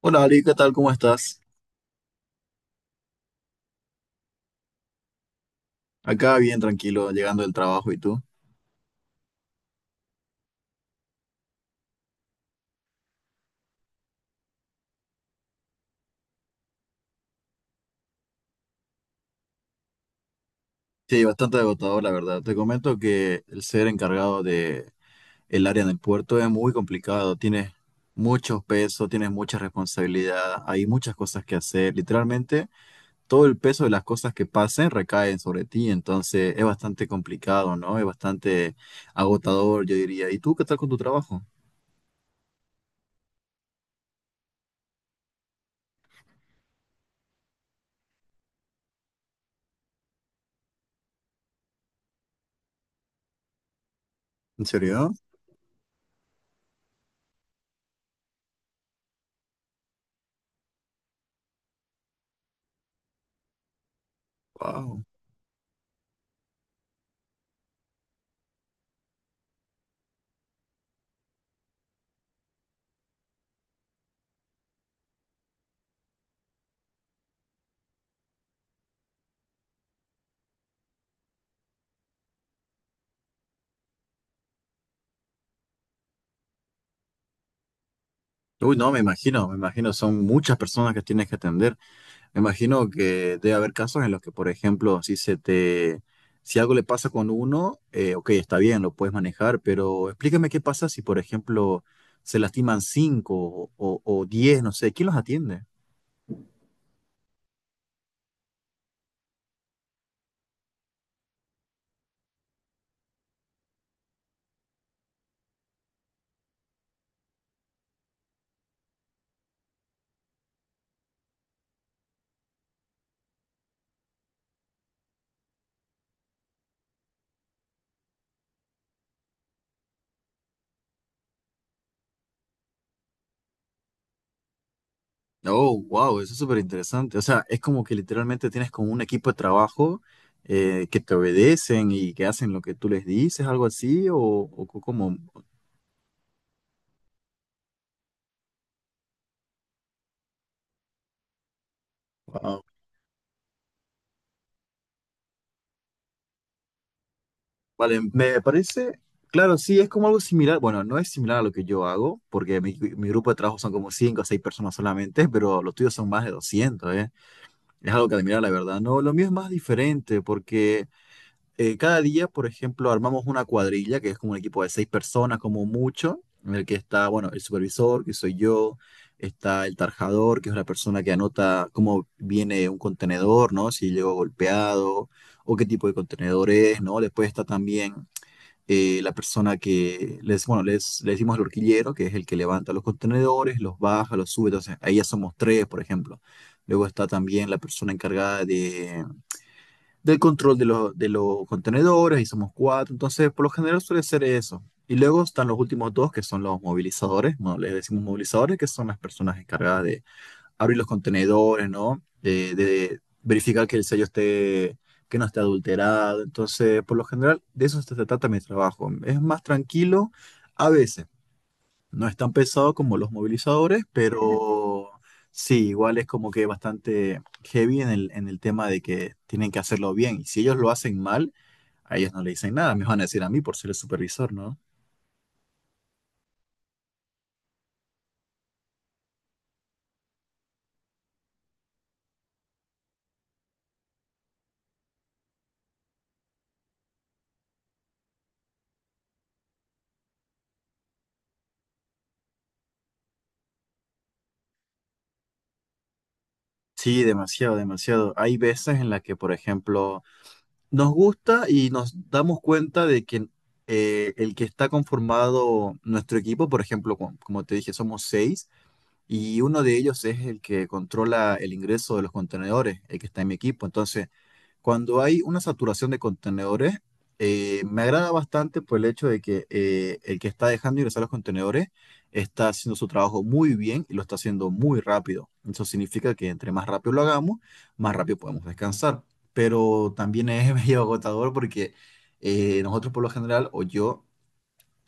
Hola Ali, ¿qué tal? ¿Cómo estás? Acá bien tranquilo, llegando del trabajo, ¿y tú? Sí, bastante agotador, la verdad. Te comento que el ser encargado de el área en el puerto es muy complicado. Tienes muchos pesos, tienes mucha responsabilidad, hay muchas cosas que hacer. Literalmente, todo el peso de las cosas que pasen recaen sobre ti, entonces es bastante complicado, ¿no? Es bastante agotador, yo diría. ¿Y tú qué tal con tu trabajo? ¿En serio? Wow. Uy, no, me imagino, son muchas personas que tienes que atender. Me imagino que debe haber casos en los que, por ejemplo, si algo le pasa con uno, ok, está bien, lo puedes manejar, pero explícame qué pasa si, por ejemplo, se lastiman cinco o diez, no sé, ¿quién los atiende? Oh, wow, eso es súper interesante. O sea, es como que literalmente tienes como un equipo de trabajo que te obedecen y que hacen lo que tú les dices, algo así, o como. Wow. Vale, me parece, claro, sí, es como algo similar, bueno, no es similar a lo que yo hago, porque mi grupo de trabajo son como 5 o 6 personas solamente, pero los tuyos son más de 200, ¿eh? Es algo que admirar, la verdad. No, lo mío es más diferente, porque cada día, por ejemplo, armamos una cuadrilla, que es como un equipo de 6 personas, como mucho, en el que está, bueno, el supervisor, que soy yo, está el tarjador, que es la persona que anota cómo viene un contenedor, ¿no? Si llegó golpeado o qué tipo de contenedor es, ¿no? Después está también la persona que bueno, le decimos el horquillero, que es el que levanta los contenedores, los baja, los sube, entonces ahí ya somos tres, por ejemplo. Luego está también la persona encargada del control de los contenedores, y somos cuatro, entonces por lo general suele ser eso. Y luego están los últimos dos, que son los movilizadores, bueno, les decimos movilizadores, que son las personas encargadas de abrir los contenedores, ¿no? De verificar que el sello esté, que no esté adulterado. Entonces, por lo general, de eso se trata mi trabajo. Es más tranquilo a veces. No es tan pesado como los movilizadores, pero sí, igual es como que bastante heavy en el tema de que tienen que hacerlo bien. Y si ellos lo hacen mal, a ellos no le dicen nada. Me van a decir a mí por ser el supervisor, ¿no? Sí, demasiado, demasiado. Hay veces en las que, por ejemplo, nos gusta y nos damos cuenta de que el que está conformado nuestro equipo, por ejemplo, como, te dije, somos seis, y uno de ellos es el que controla el ingreso de los contenedores, el que está en mi equipo. Entonces, cuando hay una saturación de contenedores, me agrada bastante por el hecho de que el que está dejando ingresar los contenedores está haciendo su trabajo muy bien y lo está haciendo muy rápido. Eso significa que entre más rápido lo hagamos, más rápido podemos descansar. Pero también es medio agotador porque nosotros por lo general, o yo,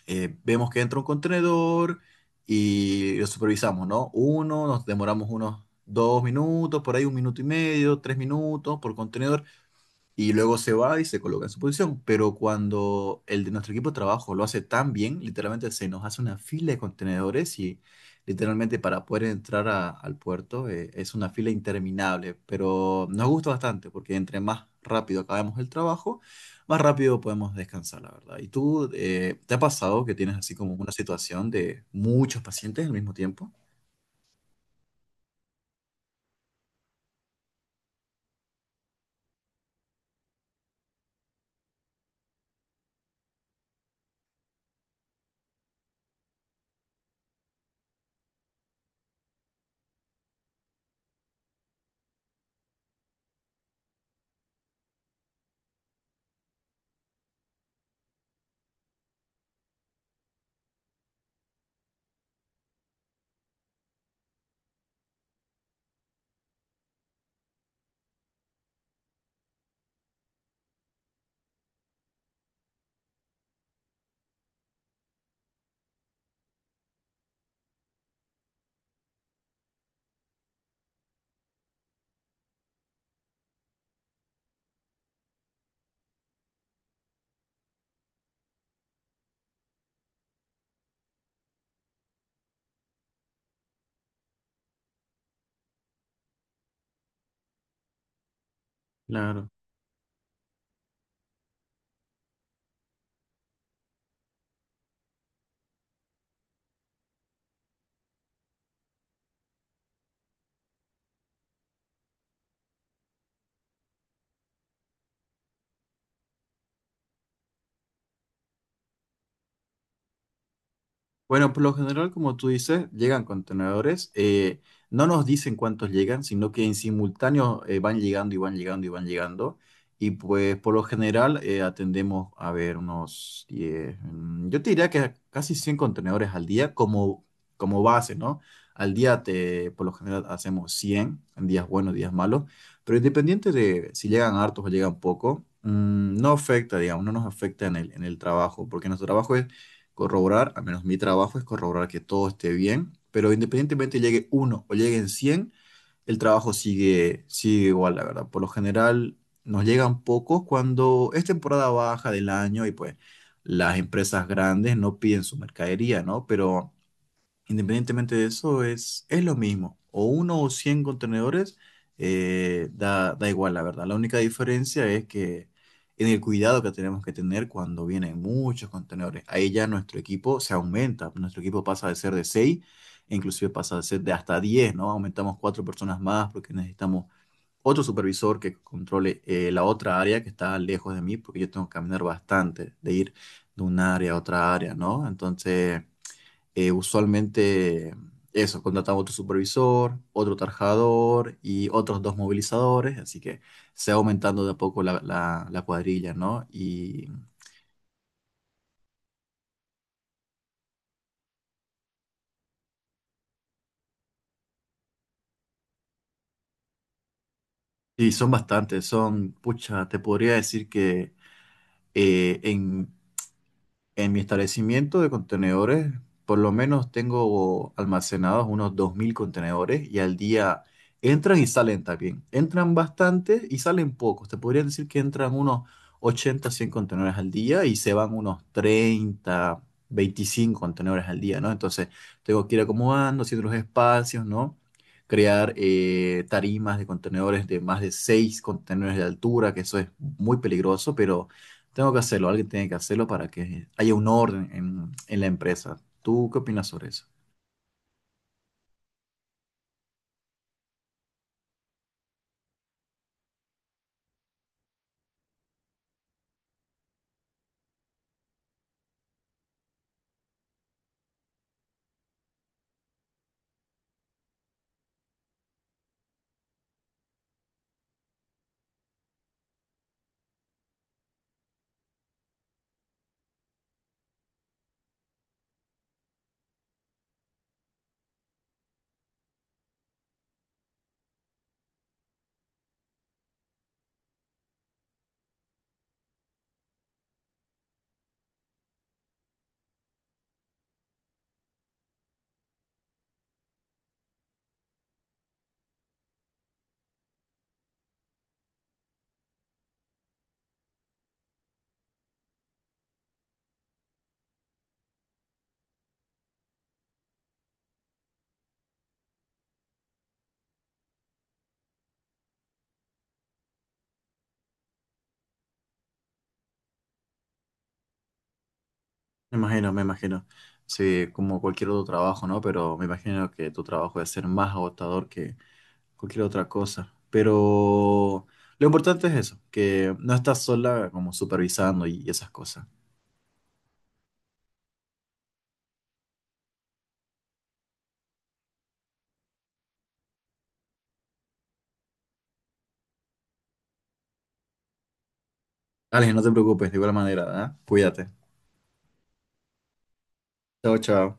vemos que entra un contenedor y lo supervisamos, ¿no? Uno, nos demoramos unos 2 minutos, por ahí un minuto y medio, 3 minutos por contenedor y luego se va y se coloca en su posición. Pero cuando el de nuestro equipo de trabajo lo hace tan bien, literalmente se nos hace una fila de contenedores y literalmente para poder entrar al puerto es una fila interminable. Pero nos gusta bastante porque entre más rápido acabemos el trabajo, más rápido podemos descansar, la verdad. ¿Y tú te ha pasado que tienes así como una situación de muchos pacientes al mismo tiempo? Claro. Bueno, por lo general, como tú dices, llegan contenedores. No nos dicen cuántos llegan, sino que en simultáneo van llegando y van llegando y van llegando. Y pues por lo general atendemos a ver unos 10. Yo te diría que casi 100 contenedores al día como base, ¿no? Por lo general hacemos 100 en días buenos, días malos, pero independiente de si llegan hartos o llegan poco, no afecta, digamos, no nos afecta en el trabajo, porque nuestro trabajo es corroborar, al menos mi trabajo es corroborar que todo esté bien, pero independientemente llegue uno o lleguen 100 el trabajo sigue igual, la verdad. Por lo general nos llegan pocos cuando es temporada baja del año y pues las empresas grandes no piden su mercadería, ¿no? Pero independientemente de eso, es lo mismo. O uno o 100 contenedores, da igual, la verdad. La única diferencia es que en el cuidado que tenemos que tener cuando vienen muchos contenedores. Ahí ya nuestro equipo se aumenta. Nuestro equipo pasa de ser de seis e inclusive pasa de ser de hasta 10, ¿no? Aumentamos cuatro personas más porque necesitamos otro supervisor que controle la otra área que está lejos de mí, porque yo tengo que caminar bastante, de ir de un área a otra área, ¿no? Entonces usualmente eso, contratamos otro supervisor, otro tarjador y otros dos movilizadores, así que se va aumentando de a poco la cuadrilla, ¿no? Y son bastantes. Pucha, te podría decir que eh, en En mi establecimiento de contenedores, por lo menos tengo almacenados unos 2000 contenedores y al día entran y salen también. Entran bastantes y salen pocos. Te podría decir que entran unos 80, 100 contenedores al día y se van unos 30, 25 contenedores al día, ¿no? Entonces tengo que ir acomodando, haciendo los espacios, ¿no? Crear tarimas de contenedores de más de 6 contenedores de altura, que eso es muy peligroso, pero. Tengo que hacerlo, alguien tiene que hacerlo para que haya un orden en la empresa. ¿Tú qué opinas sobre eso? Me imagino, me imagino. Sí, como cualquier otro trabajo, ¿no? Pero me imagino que tu trabajo debe ser más agotador que cualquier otra cosa. Pero lo importante es eso, que no estás sola como supervisando y esas cosas. Alex, no te preocupes, de igual manera, ¿eh? Cuídate. Chao, chao.